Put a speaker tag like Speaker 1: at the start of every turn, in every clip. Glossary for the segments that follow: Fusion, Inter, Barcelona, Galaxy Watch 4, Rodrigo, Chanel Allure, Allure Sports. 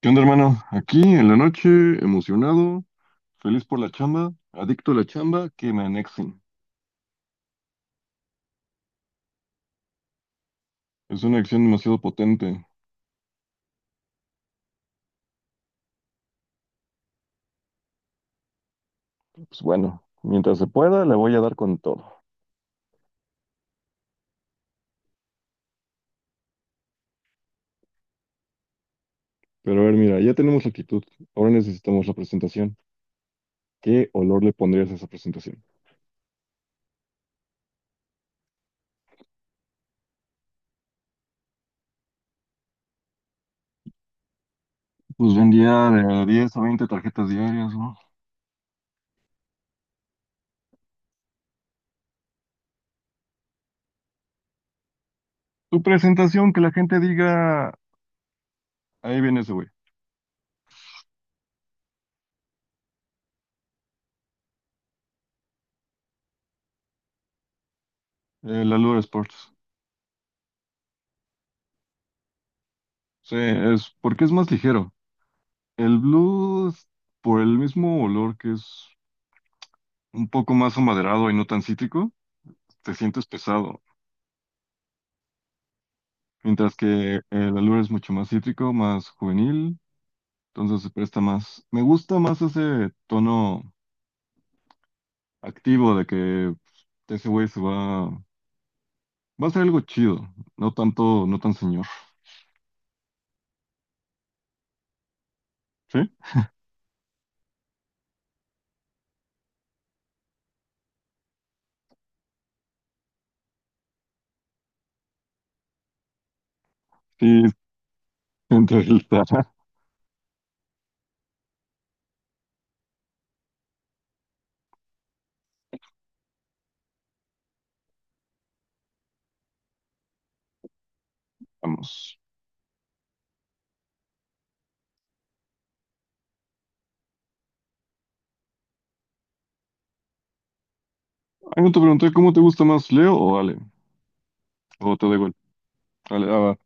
Speaker 1: ¿Qué onda, hermano? Aquí en la noche, emocionado, feliz por la chamba, adicto a la chamba, que me anexen. Es una acción demasiado potente. Pues bueno, mientras se pueda, le voy a dar con todo. Pero a ver, mira, ya tenemos la actitud. Ahora necesitamos la presentación. ¿Qué olor le pondrías a esa presentación? Pues vendía de 10 a 20 tarjetas diarias, ¿no? Tu presentación, que la gente diga, ahí viene ese güey, el Allure Sports. Sí, es porque es más ligero. El blues, por el mismo olor que es un poco más amaderado y no tan cítrico, te sientes pesado. Mientras que el Alur es mucho más cítrico, más juvenil, entonces se presta más. Me gusta más ese tono activo de que pues, ese güey se va a hacer algo chido, no tanto, no tan señor, ¿sí? Sí, entre el Vamos. Algo te pregunté, ¿cómo te gusta más, Leo o Ale? O te da igual. Ale, ah, va.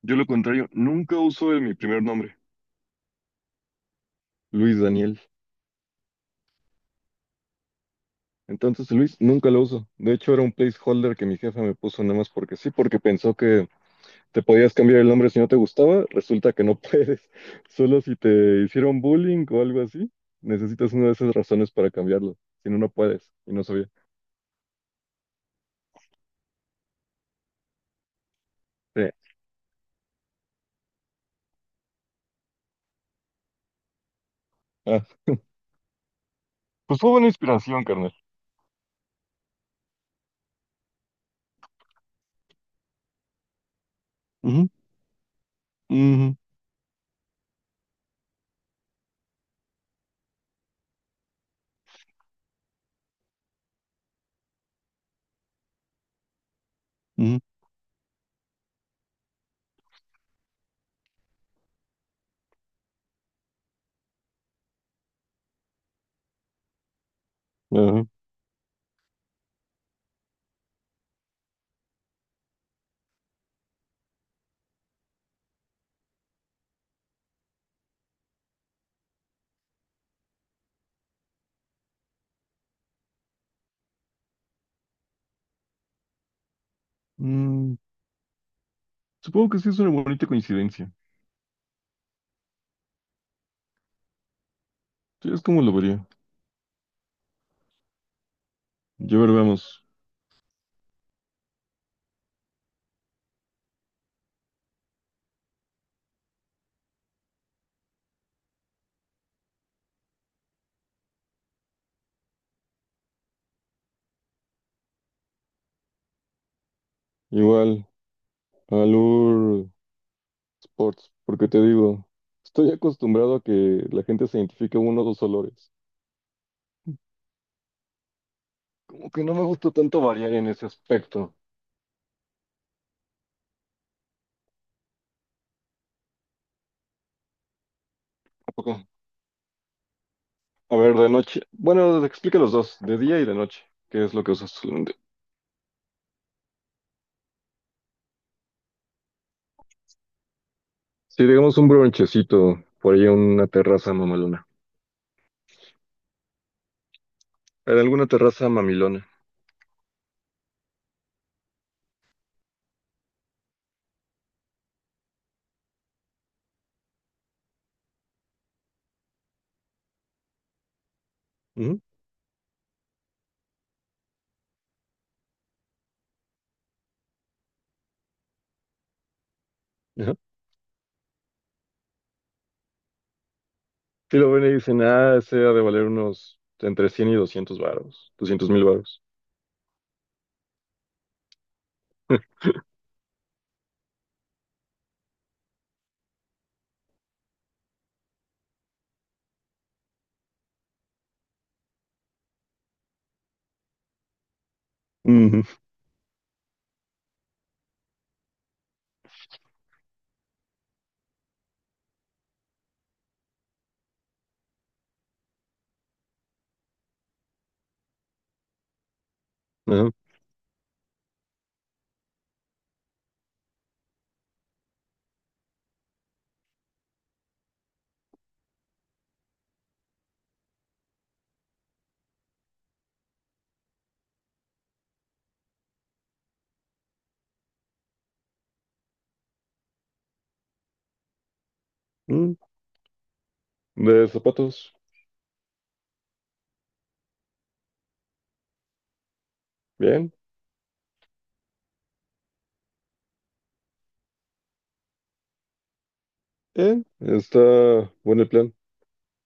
Speaker 1: Yo lo contrario, nunca uso el- mi primer nombre, Luis Daniel. Entonces, Luis, nunca lo uso. De hecho, era un placeholder que mi jefa me puso nada más porque sí, porque pensó que te podías cambiar el nombre si no te gustaba. Resulta que no puedes. Solo si te hicieron bullying o algo así, necesitas una de esas razones para cambiarlo. Si no, no puedes. Y no sabía. Sí. Ah, pues fue buena inspiración, carnal. Ujú, ujú, ujú, ajá. Mm, supongo que sí es una bonita coincidencia. Sí, es como lo vería. Ya ver, vamos. Igual, Alur. Sports, porque te digo, estoy acostumbrado a que la gente se identifique uno o dos olores. Como que no me gusta tanto variar en ese aspecto. ¿A poco? A ver, de noche. Bueno, explica los dos, de día y de noche. ¿Qué es lo que usas? Si digamos un bronchecito, por ahí una terraza mamalona. En alguna terraza mamilona. Ujú, ajá. Si lo ven y dicen, ah, ese ha de valer unos entre 100 y 200 varos, 200,000 varos. Ujú, ajá. Mm, de zapatos, bien, bien. Está bueno el plan.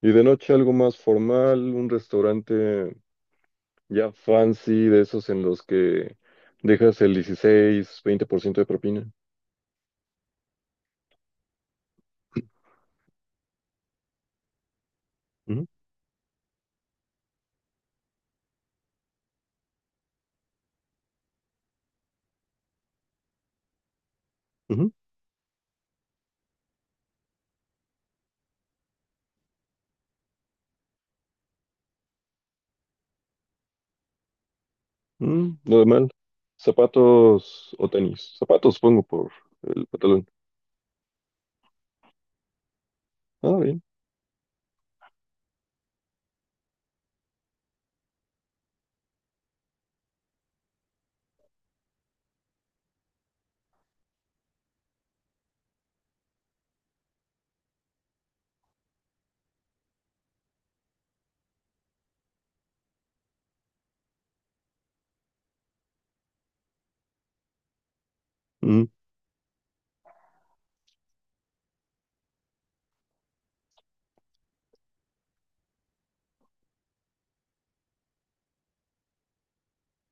Speaker 1: Y de noche algo más formal, un restaurante ya fancy, de esos en los que dejas el 16 20% de propina. Ujú, ujú, mm, nada mal. Zapatos o tenis. Zapatos pongo por el pantalón. Ah, bien. Mm,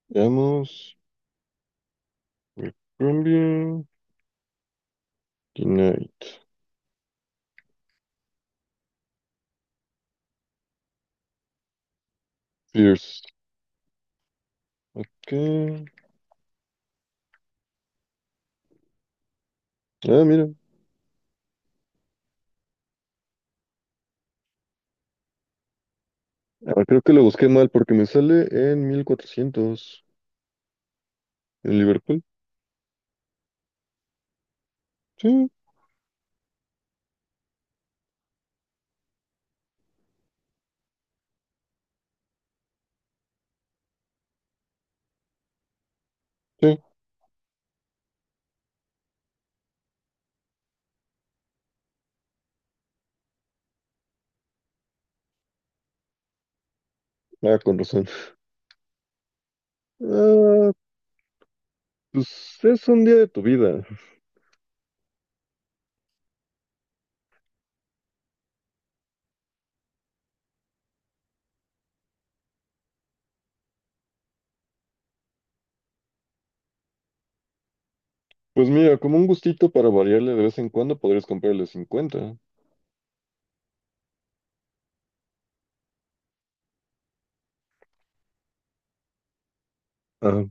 Speaker 1: veamos. Colombia. Tonight. Fierce. Ok. Ah, mira. Ah, creo que lo busqué mal porque me sale en 1,400 en Liverpool. Sí, sí. Ah, con razón. Ah, pues es un día de tu vida. Pues mira, como un gustito para variarle de vez en cuando podrías comprarle 50. Ajá.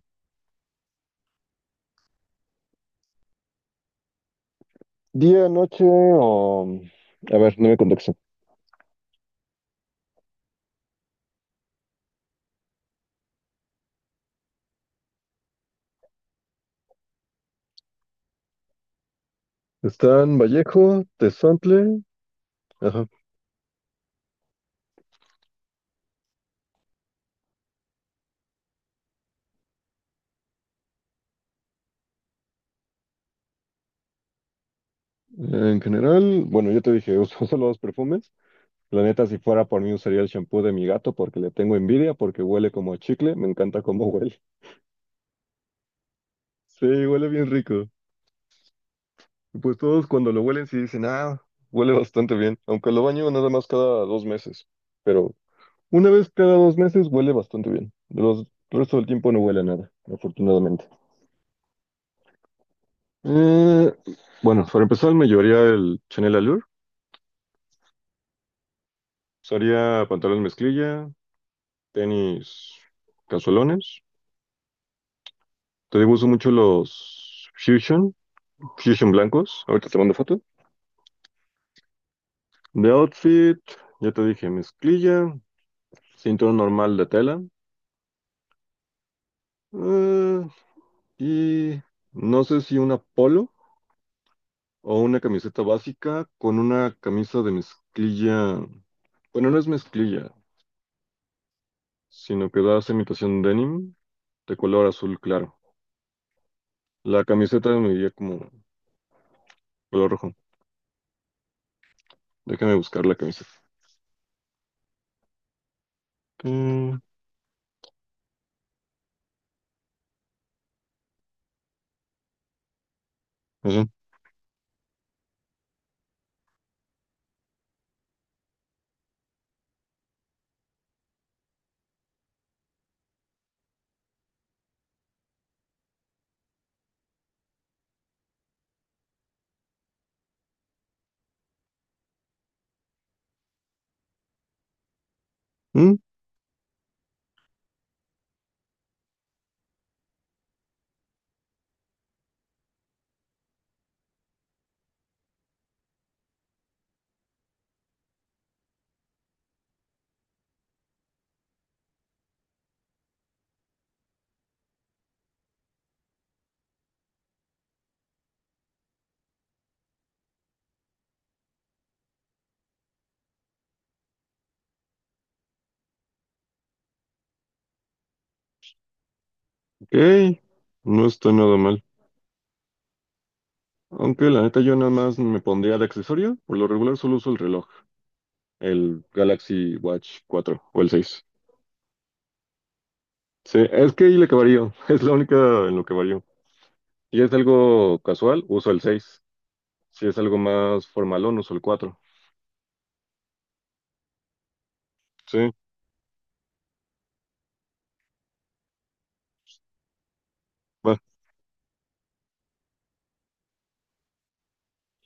Speaker 1: Día, noche o... A ver, no me contexto. Están Vallejo, Tezontle, ajá. En general, bueno, yo te dije, uso solo dos perfumes. La neta, si fuera por mí, usaría el shampoo de mi gato porque le tengo envidia, porque huele como a chicle, me encanta cómo huele. Sí, huele bien rico. Y pues todos cuando lo huelen sí dicen, ah, huele bastante bien, aunque lo baño nada más cada 2 meses. Pero una vez cada 2 meses huele bastante bien. El resto del tiempo no huele a nada, afortunadamente. Eh, bueno, para empezar me llevaría el Chanel Allure. Usaría pantalón mezclilla, tenis casualones. Te digo, uso mucho los Fusion blancos. Ahorita te mando foto. De outfit, ya te dije, mezclilla, cinturón normal de tela. eh, y no sé si una polo o una camiseta básica con una camisa de mezclilla. Bueno, no es mezclilla, sino que da esa imitación denim de color azul claro. La camiseta me diría como color rojo. Déjame buscar la camiseta. Mm, eso. Mm, ok, no está nada mal. Aunque la neta yo nada más me pondría de accesorio. Por lo regular solo uso el reloj, el Galaxy Watch 4 o el 6. Sí, es que ahí le varío. Es la única en lo que varío. Si es algo casual, uso el 6. Si es algo más formalón, uso el 4. Sí, va.